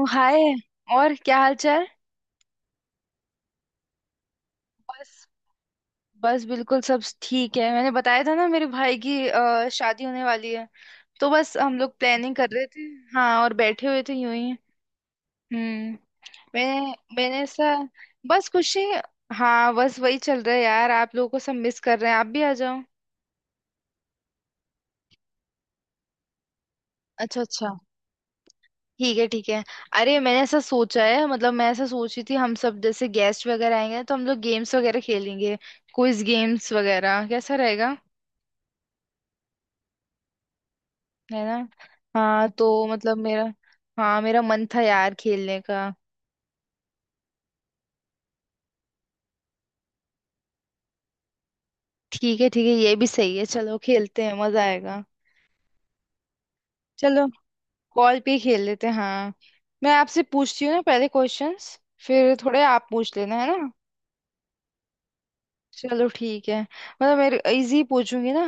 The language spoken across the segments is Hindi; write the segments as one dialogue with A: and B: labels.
A: ओ, हाय। और क्या हाल चाल? बस। बस बिल्कुल सब ठीक है। मैंने बताया था ना मेरे भाई की शादी होने वाली है। तो बस हम लोग प्लानिंग कर रहे थे। हाँ। और बैठे हुए थे यूं ही। हम्म। मैंने मैंने ऐसा। बस खुशी। हाँ, बस वही चल रहा है यार। आप लोगों को सब मिस कर रहे हैं। आप भी आ जाओ। अच्छा, अच्छा। ठीक है, ठीक है। अरे, मैंने ऐसा सोचा है। मतलब मैं ऐसा सोच रही थी हम सब जैसे गेस्ट वगैरह आएंगे तो हम लोग गेम्स वगैरह खेलेंगे। क्विज गेम्स वगैरह कैसा रहेगा? है ना। हाँ तो मतलब मेरा। हाँ, मेरा मन था यार खेलने का। ठीक है, ठीक है, ये भी सही है। चलो खेलते हैं, मजा आएगा। चलो। कॉल पे ही खेल लेते हैं, हाँ। मैं आपसे पूछती हूँ ना पहले क्वेश्चंस। फिर थोड़े आप पूछ लेना, है ना। चलो ठीक है, मतलब मेरे इजी पूछूंगी ना।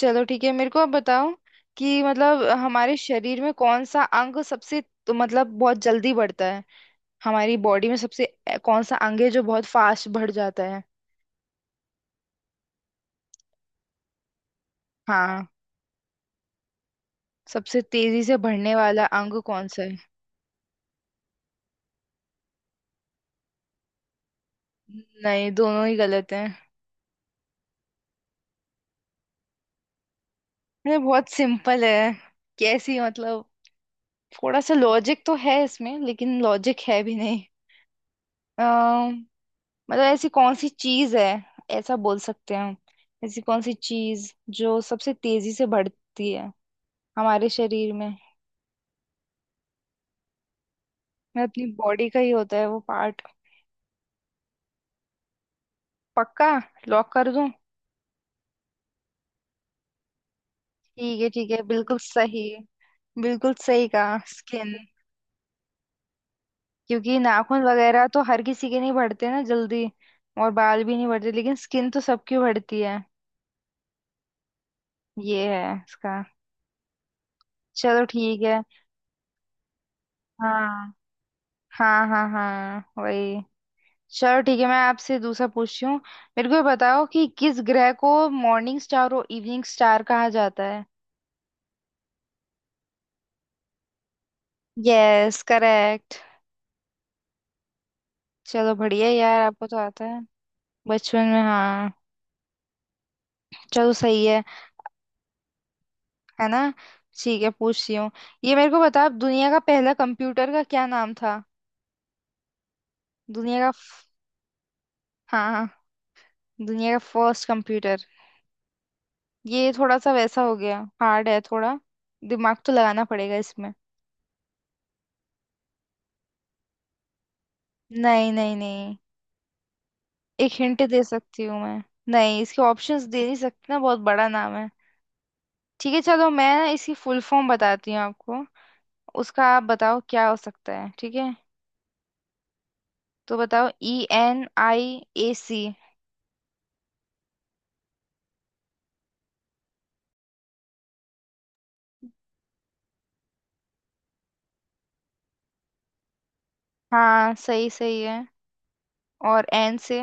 A: चलो ठीक है, मेरे को आप बताओ कि मतलब हमारे शरीर में कौन सा अंग सबसे। तो मतलब बहुत जल्दी बढ़ता है। हमारी बॉडी में सबसे कौन सा अंग है जो बहुत फास्ट बढ़ जाता है? हाँ। सबसे तेजी से बढ़ने वाला अंग कौन सा है? नहीं, दोनों ही गलत हैं। अरे बहुत सिंपल है। कैसी मतलब? थोड़ा सा लॉजिक तो है इसमें, लेकिन लॉजिक है भी नहीं। अम, मतलब ऐसी कौन सी चीज है? ऐसा बोल सकते हैं हम, ऐसी कौन सी चीज जो सबसे तेजी से बढ़ती है हमारे शरीर में। मतलब अपनी बॉडी का ही होता है वो पार्ट। पक्का? लॉक कर दूं? ठीक है, ठीक है, बिल्कुल सही। बिल्कुल सही कहा, स्किन। क्योंकि नाखून वगैरह तो हर किसी के नहीं बढ़ते ना जल्दी। और बाल भी नहीं बढ़ते लेकिन स्किन तो सबकी बढ़ती है। ये है इसका। चलो ठीक है। हाँ, हाँ, हाँ, हाँ, वही। चलो ठीक है, मैं आपसे दूसरा पूछती हूँ। मेरे को ये बताओ कि किस ग्रह को मॉर्निंग स्टार और इवनिंग स्टार कहा जाता है? Yes, correct. चलो बढ़िया यार, आपको तो आता है। बचपन में, हाँ। चलो सही है। है ना। ठीक है, पूछती हूँ। ये मेरे को बताओ, दुनिया का पहला कंप्यूटर का क्या नाम था? दुनिया का हाँ, हाँ। दुनिया का फर्स्ट कंप्यूटर। ये थोड़ा सा वैसा हो गया, हार्ड है थोड़ा। दिमाग तो लगाना पड़ेगा इसमें। नहीं, नहीं, नहीं। एक हिंट दे सकती हूँ मैं? नहीं, इसके ऑप्शंस दे नहीं सकती ना, बहुत बड़ा नाम है। ठीक है चलो, मैं इसकी फुल फॉर्म बताती हूँ आपको। उसका आप बताओ क्या हो सकता है, ठीक है। तो बताओ, ENIAC। हाँ, सही सही है। और एन से?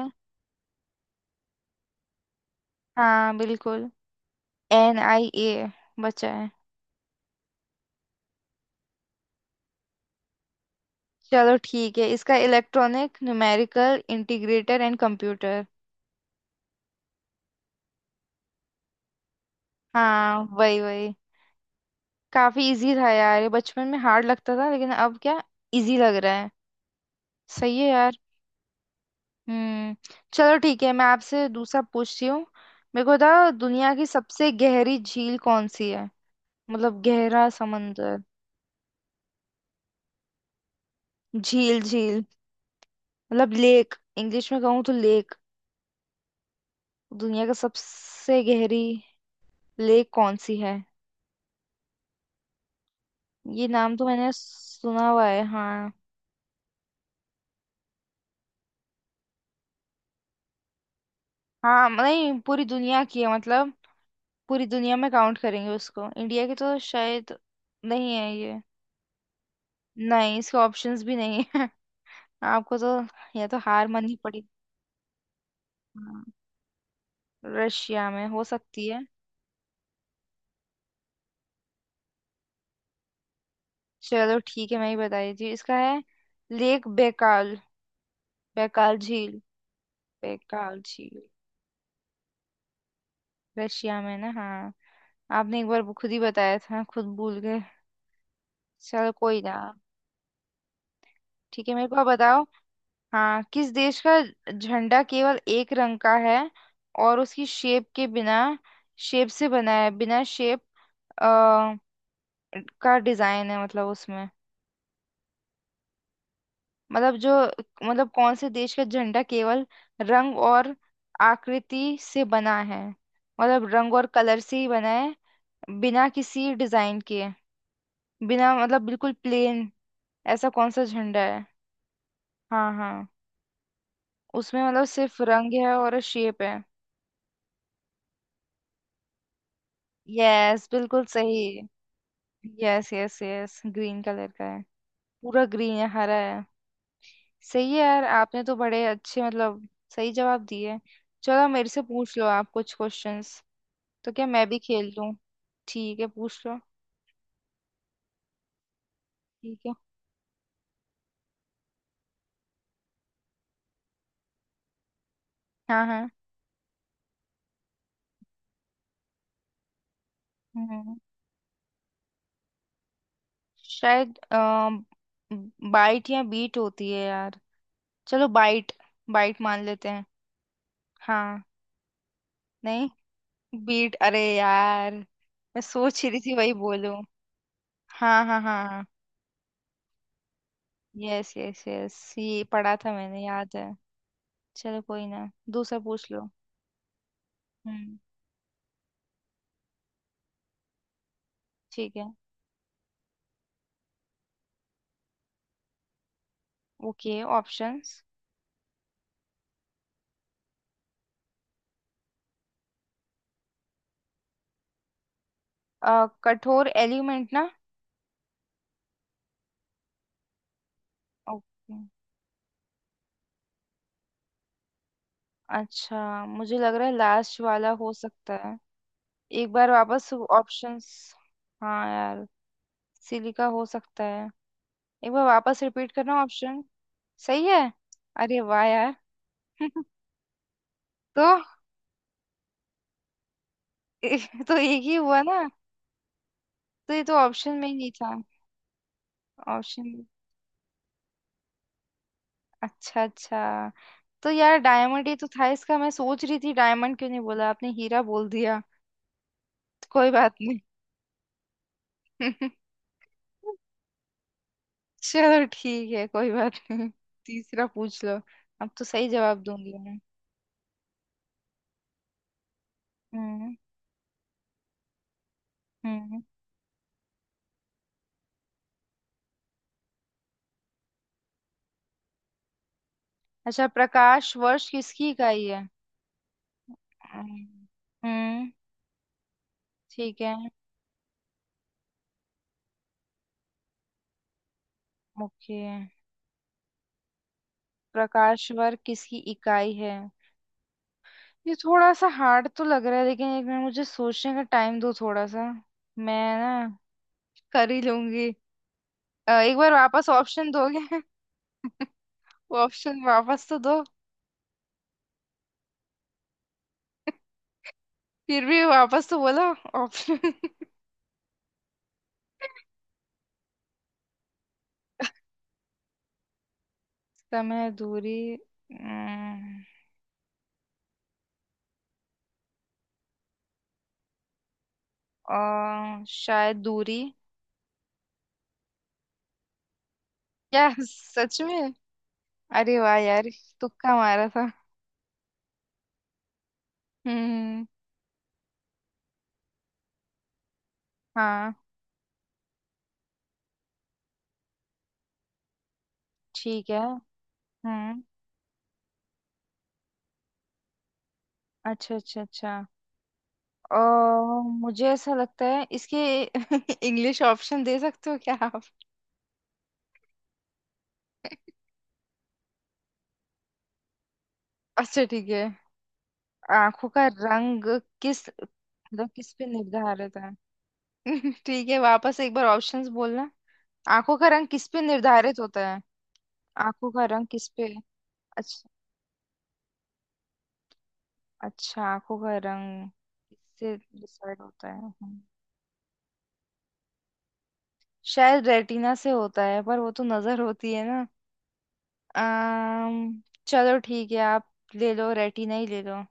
A: हाँ, बिल्कुल। NIA बचा है। चलो ठीक है, इसका electronic numerical integrator and computer. हाँ, वही वही। काफी इजी था यार, ये बचपन में हार्ड लगता था लेकिन अब क्या, इजी लग रहा है। सही है यार। हम्म। चलो ठीक है, मैं आपसे दूसरा पूछती हूँ। मेरे को बताओ, दुनिया की सबसे गहरी झील कौन सी है? मतलब गहरा समंदर। झील, झील। मतलब लेक, इंग्लिश में कहूँ तो लेक। दुनिया का सबसे गहरी लेक कौन सी है? ये नाम तो मैंने सुना हुआ है, हाँ। हाँ, नहीं, पूरी दुनिया की है मतलब। पूरी दुनिया में काउंट करेंगे उसको, इंडिया की तो शायद नहीं है ये। नहीं, इसके ऑप्शंस भी नहीं है। आपको तो या तो हार माननी पड़ी। हाँ, रशिया में हो सकती है। चलो ठीक है, मैं ही बता देती हूँ। इसका है लेक बेकाल। बेकाल झील। बेकाल झील, रशिया में ना, हाँ। आपने एक बार वो खुद ही बताया था, खुद भूल गए। चलो कोई ना। ठीक है, मेरे को आप बताओ। हाँ, किस देश का झंडा केवल एक रंग का है, और उसकी शेप के बिना, शेप से बना है। बिना शेप का डिजाइन है मतलब उसमें। मतलब जो, मतलब कौन से देश का झंडा केवल रंग और आकृति से बना है। मतलब रंग और कलर से ही बना है, बिना किसी डिजाइन के। बिना, मतलब बिल्कुल प्लेन। ऐसा कौन सा झंडा है? हाँ, हाँ। उसमें मतलब सिर्फ रंग है और शेप है। यस, बिल्कुल सही। Yes, yes, yes, green colour का है। पूरा ग्रीन है, हरा है। सही है यार, आपने तो बड़े अच्छे, मतलब सही जवाब दिए। चलो मेरे से पूछ लो आप कुछ क्वेश्चंस। तो क्या मैं भी खेल लूं? ठीक है, पूछ लो। ठीक है। हाँ, हाँ। हम्म शायद बाइट या बीट होती है यार। चलो बाइट। बाइट मान लेते हैं। हाँ। नहीं, बीट। अरे यार मैं सोच ही रही थी वही बोलूं। हाँ, हाँ, हाँ, हाँ। यस, यस, यस, ये पढ़ा था मैंने, याद है। चलो कोई ना, दूसरा पूछ लो। हम्म। ठीक है। Okay, options. कठोर एलिमेंट ना। ओके। अच्छा, मुझे लग रहा है लास्ट वाला हो सकता है। एक बार वापस ऑप्शंस। हाँ यार, सिलिका हो सकता है। एक बार वापस रिपीट करना ऑप्शन। सही है। अरे वाह यार। तो ए, तो एक ही हुआ ना। तो ये तो ऑप्शन में ही नहीं था। ऑप्शन। अच्छा, अच्छा। तो यार डायमंड, ये तो था इसका। मैं सोच रही थी डायमंड क्यों नहीं बोला आपने, हीरा बोल दिया। तो कोई बात नहीं। चलो ठीक है, कोई बात नहीं। तीसरा पूछ लो। अब तो सही जवाब दूंगी मैं। हम्म। हम्म। अच्छा, प्रकाश वर्ष किसकी इकाई है? हम्म। हम्म, ठीक है। ओके। प्रकाश वर्ष किसकी इकाई है? ये थोड़ा सा हार्ड तो लग रहा है, लेकिन एक मिनट मुझे सोचने का टाइम दो थोड़ा सा। मैं ना कर ही लूंगी। एक बार वापस ऑप्शन दोगे? वो ऑप्शन वापस तो दो। फिर भी वापस तो बोलो ऑप्शन। समय, दूरी। अम्म, शायद दूरी। क्या, सच में? अरे वाह यार। तुक्का मारा था। हम्म। हाँ। ठीक है। हम्म। अच्छा, अच्छा, अच्छा। ओ, मुझे ऐसा लगता है इसके। इंग्लिश ऑप्शन दे सकते हो क्या आप? अच्छा, ठीक है। आंखों का रंग किस। मतलब किस पे निर्धारित है? ठीक है, वापस एक बार ऑप्शंस बोलना। आंखों का रंग किस पे निर्धारित होता है? आंखों का रंग किस पे? अच्छा, अच्छा, आंखों का रंग किससे डिसाइड होता है? शायद रेटिना से होता है, पर वो तो नजर होती है ना। अम्म चलो ठीक है, आप ले लो, रेटिना ही ले लो।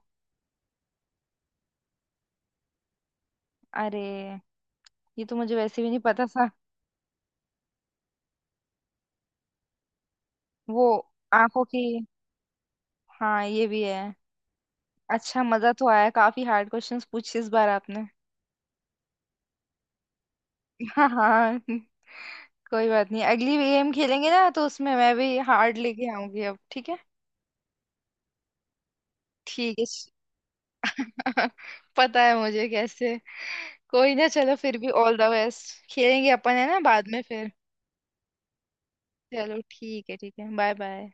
A: अरे, ये तो मुझे वैसे भी नहीं पता था। वो आंखों की, हाँ ये भी है। अच्छा, मजा तो आया, काफी हार्ड क्वेश्चंस पूछे इस बार आपने। हाँ, हाँ। कोई बात नहीं, अगली गेम खेलेंगे ना तो उसमें मैं भी हार्ड लेके आऊंगी अब, ठीक है। ठीक है। श- पता है मुझे कैसे। कोई ना, चलो फिर भी ऑल द बेस्ट, खेलेंगे अपन है ना बाद में फिर। चलो ठीक है, ठीक है, बाय, बाय।